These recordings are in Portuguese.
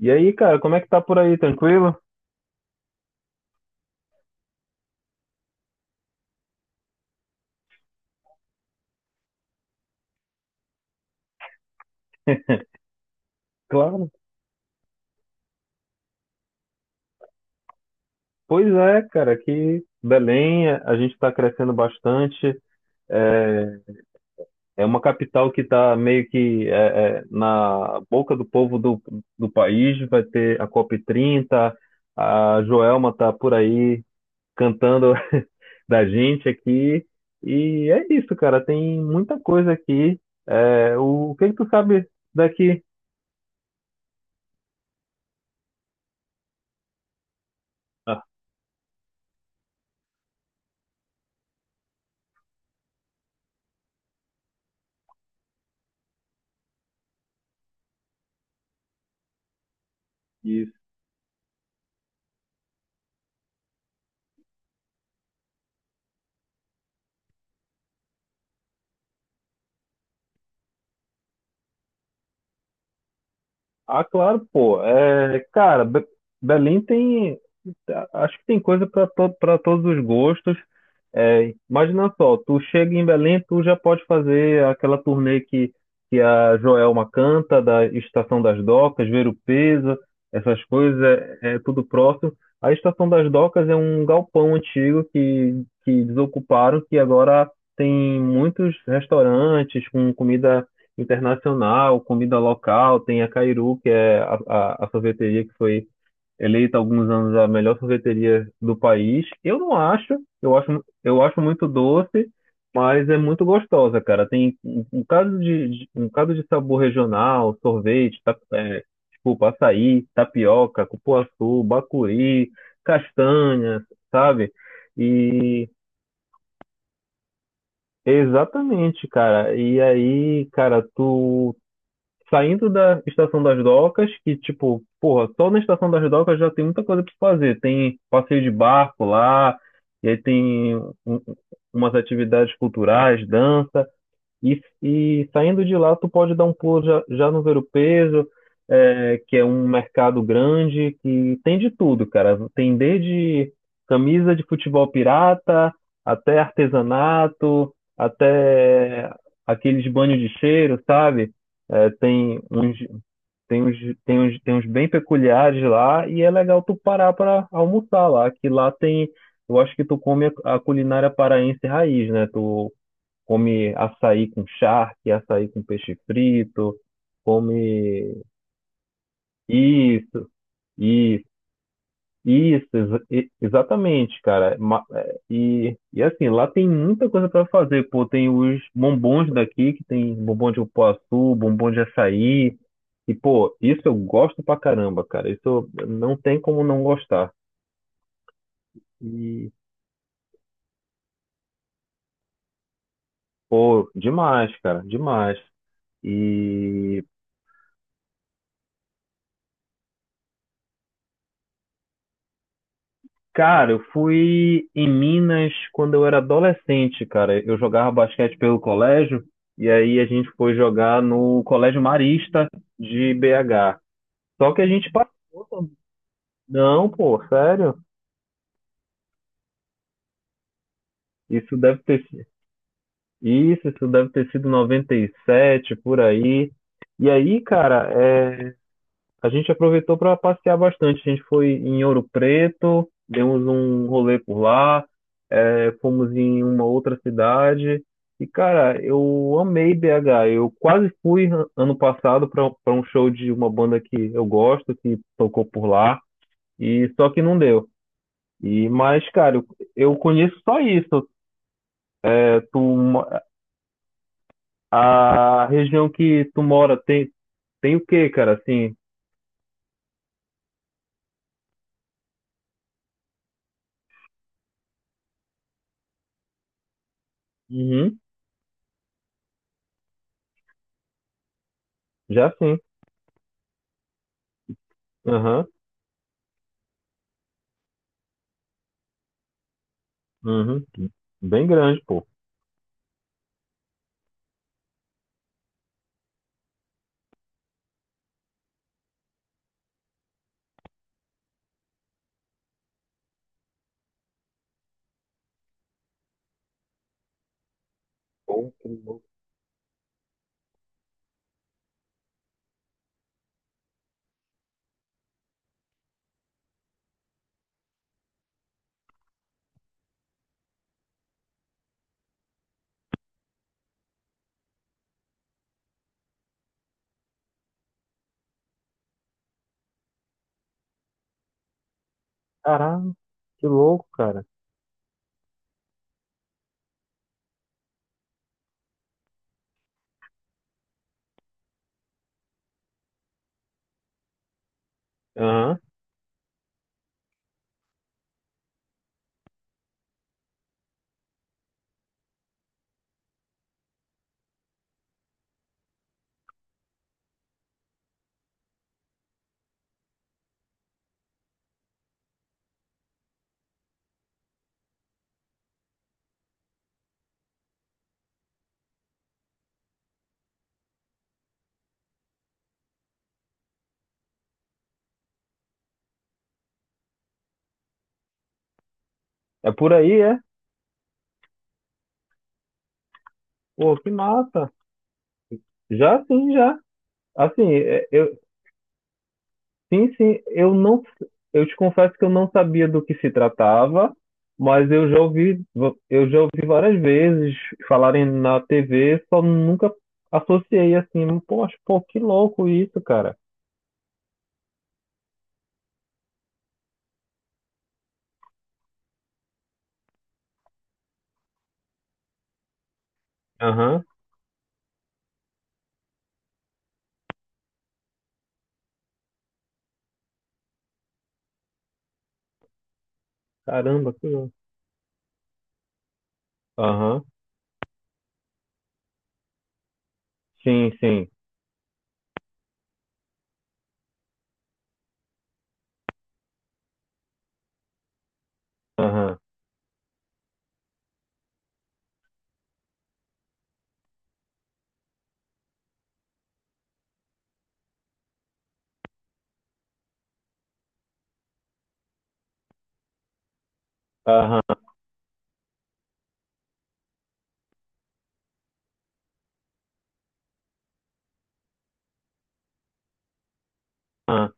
E aí, cara, como é que tá por aí? Tranquilo? Claro. Pois é, cara, aqui Belém, a gente tá crescendo bastante. É uma capital que tá meio que na boca do povo do país. Vai ter a COP30, a Joelma tá por aí cantando da gente aqui. E é isso, cara, tem muita coisa aqui. O que que tu sabe daqui? Ah, isso. Ah, claro, pô. É, cara, Belém tem. Acho que tem coisa para todos os gostos. É, imagina só, tu chega em Belém, tu já pode fazer aquela turnê que a Joelma canta, da Estação das Docas, Verupeza essas coisas, é, é tudo próximo. A Estação das Docas é um galpão antigo que desocuparam, que agora tem muitos restaurantes com comida internacional, comida local, tem a Cairu, que é a sorveteria que foi eleita há alguns anos a melhor sorveteria do país. Eu não acho, eu acho, eu acho muito doce, mas é muito gostosa, cara. Tem um bocado um bocado de sabor regional, sorvete, ta, é, desculpa, açaí, tapioca, cupuaçu, bacuri, castanha, sabe? E exatamente, cara. E aí, cara, tu saindo da Estação das Docas, que, tipo, porra, só na Estação das Docas já tem muita coisa pra se fazer. Tem passeio de barco lá, e aí tem umas atividades culturais, dança. E saindo de lá, tu pode dar um pulo já, já no Ver o Peso, é, que é um mercado grande, que tem de tudo, cara. Tem desde camisa de futebol pirata, até artesanato, até aqueles banhos de cheiro, sabe? É, tem uns, tem uns, tem uns bem peculiares lá, e é legal tu parar para almoçar lá, que lá tem. Eu acho que tu come a culinária paraense raiz, né? Tu come açaí com charque, açaí com peixe frito, come isso, isso, exatamente, cara. Assim, lá tem muita coisa para fazer, pô, tem os bombons daqui, que tem bombom de cupuaçu, bombom de açaí, e pô, isso eu gosto pra caramba, cara. Não tem como não gostar. E pô, demais, cara, demais. E cara, eu fui em Minas quando eu era adolescente, cara. Eu jogava basquete pelo colégio e aí a gente foi jogar no Colégio Marista de BH. Só que a gente passou. Também. Não, pô, sério? Isso deve ter sido. Isso deve ter sido 97, por aí. E aí, cara, é, a gente aproveitou para passear bastante. A gente foi em Ouro Preto, demos um rolê por lá. Fomos em uma outra cidade. E, cara, eu amei BH. Eu quase ano passado para um show de uma banda que eu gosto, que tocou por lá, e só que não deu. E, mas, cara, eu, eu conheço só isso. É, a região que tu mora tem, tem o quê, cara? Assim, uhum, já sim. Aham, uhum, bem grande, pô. Pô, que louco. Caralho, que louco, cara. Aham. É por aí, é? Pô, que massa. Já sim, já. Assim, sim, sim, eu não, eu te confesso que eu não sabia do que se tratava, mas eu já ouvi várias vezes falarem na TV, só nunca associei assim, poxa, pô, que louco isso, cara. Aham, caramba, que louco. Aham, sim, sim, aham, aham, aham,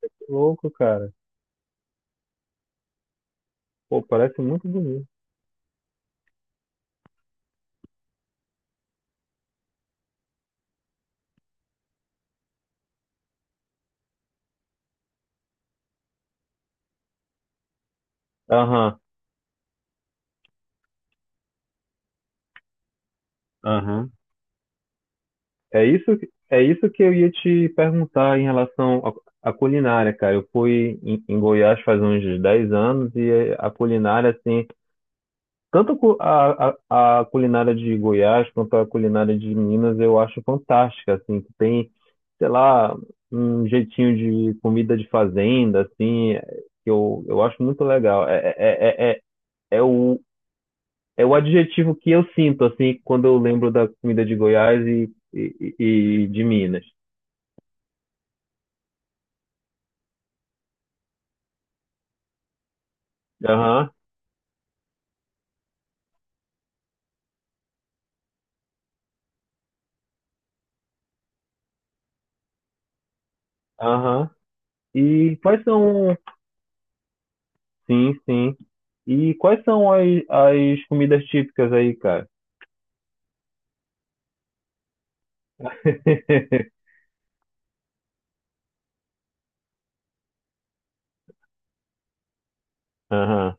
que louco, cara. Pô, parece muito bonito. Aham, aham. É isso, é isso que eu ia te perguntar em relação à culinária, cara. Eu fui em Goiás faz uns 10 anos e a culinária, assim, tanto a culinária de Goiás quanto a culinária de Minas, eu acho fantástica, assim, que tem, sei lá, um jeitinho de comida de fazenda, assim, que eu acho muito legal. É o, é o adjetivo que eu sinto, assim, quando eu lembro da comida de Goiás e de Minas. Aham, aham. E quais são. Sim, sim. E quais são as comidas típicas aí, cara? Aham.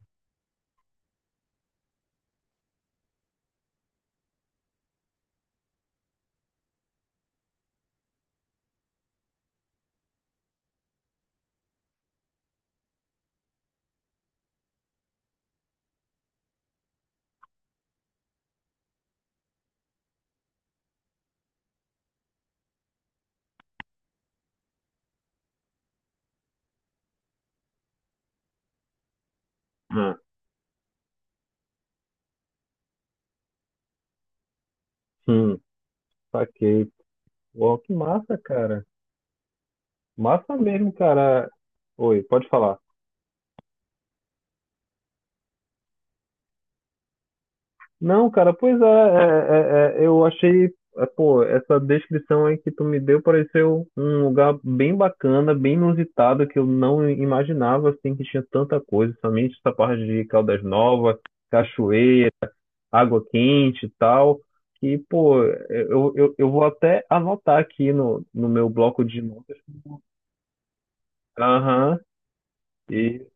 Aham. Hum, saquei. Uau, que massa, cara. Massa mesmo, cara. Oi, pode falar. Não, cara, pois é, eu achei, é, pô, essa descrição aí que tu me deu pareceu um lugar bem bacana, bem inusitado, que eu não imaginava, assim, que tinha tanta coisa, somente essa parte de Caldas Novas, cachoeira. Água quente e tal. E, pô, eu vou até anotar aqui no meu bloco de notas. Aham, e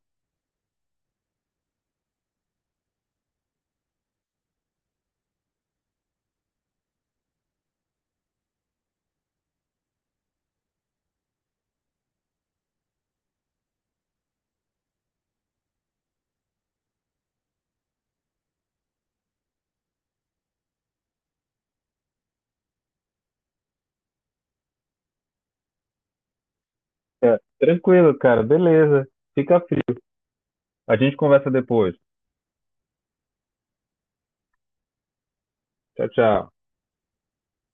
é, tranquilo, cara, beleza. Fica frio. A gente conversa depois. Tchau, tchau.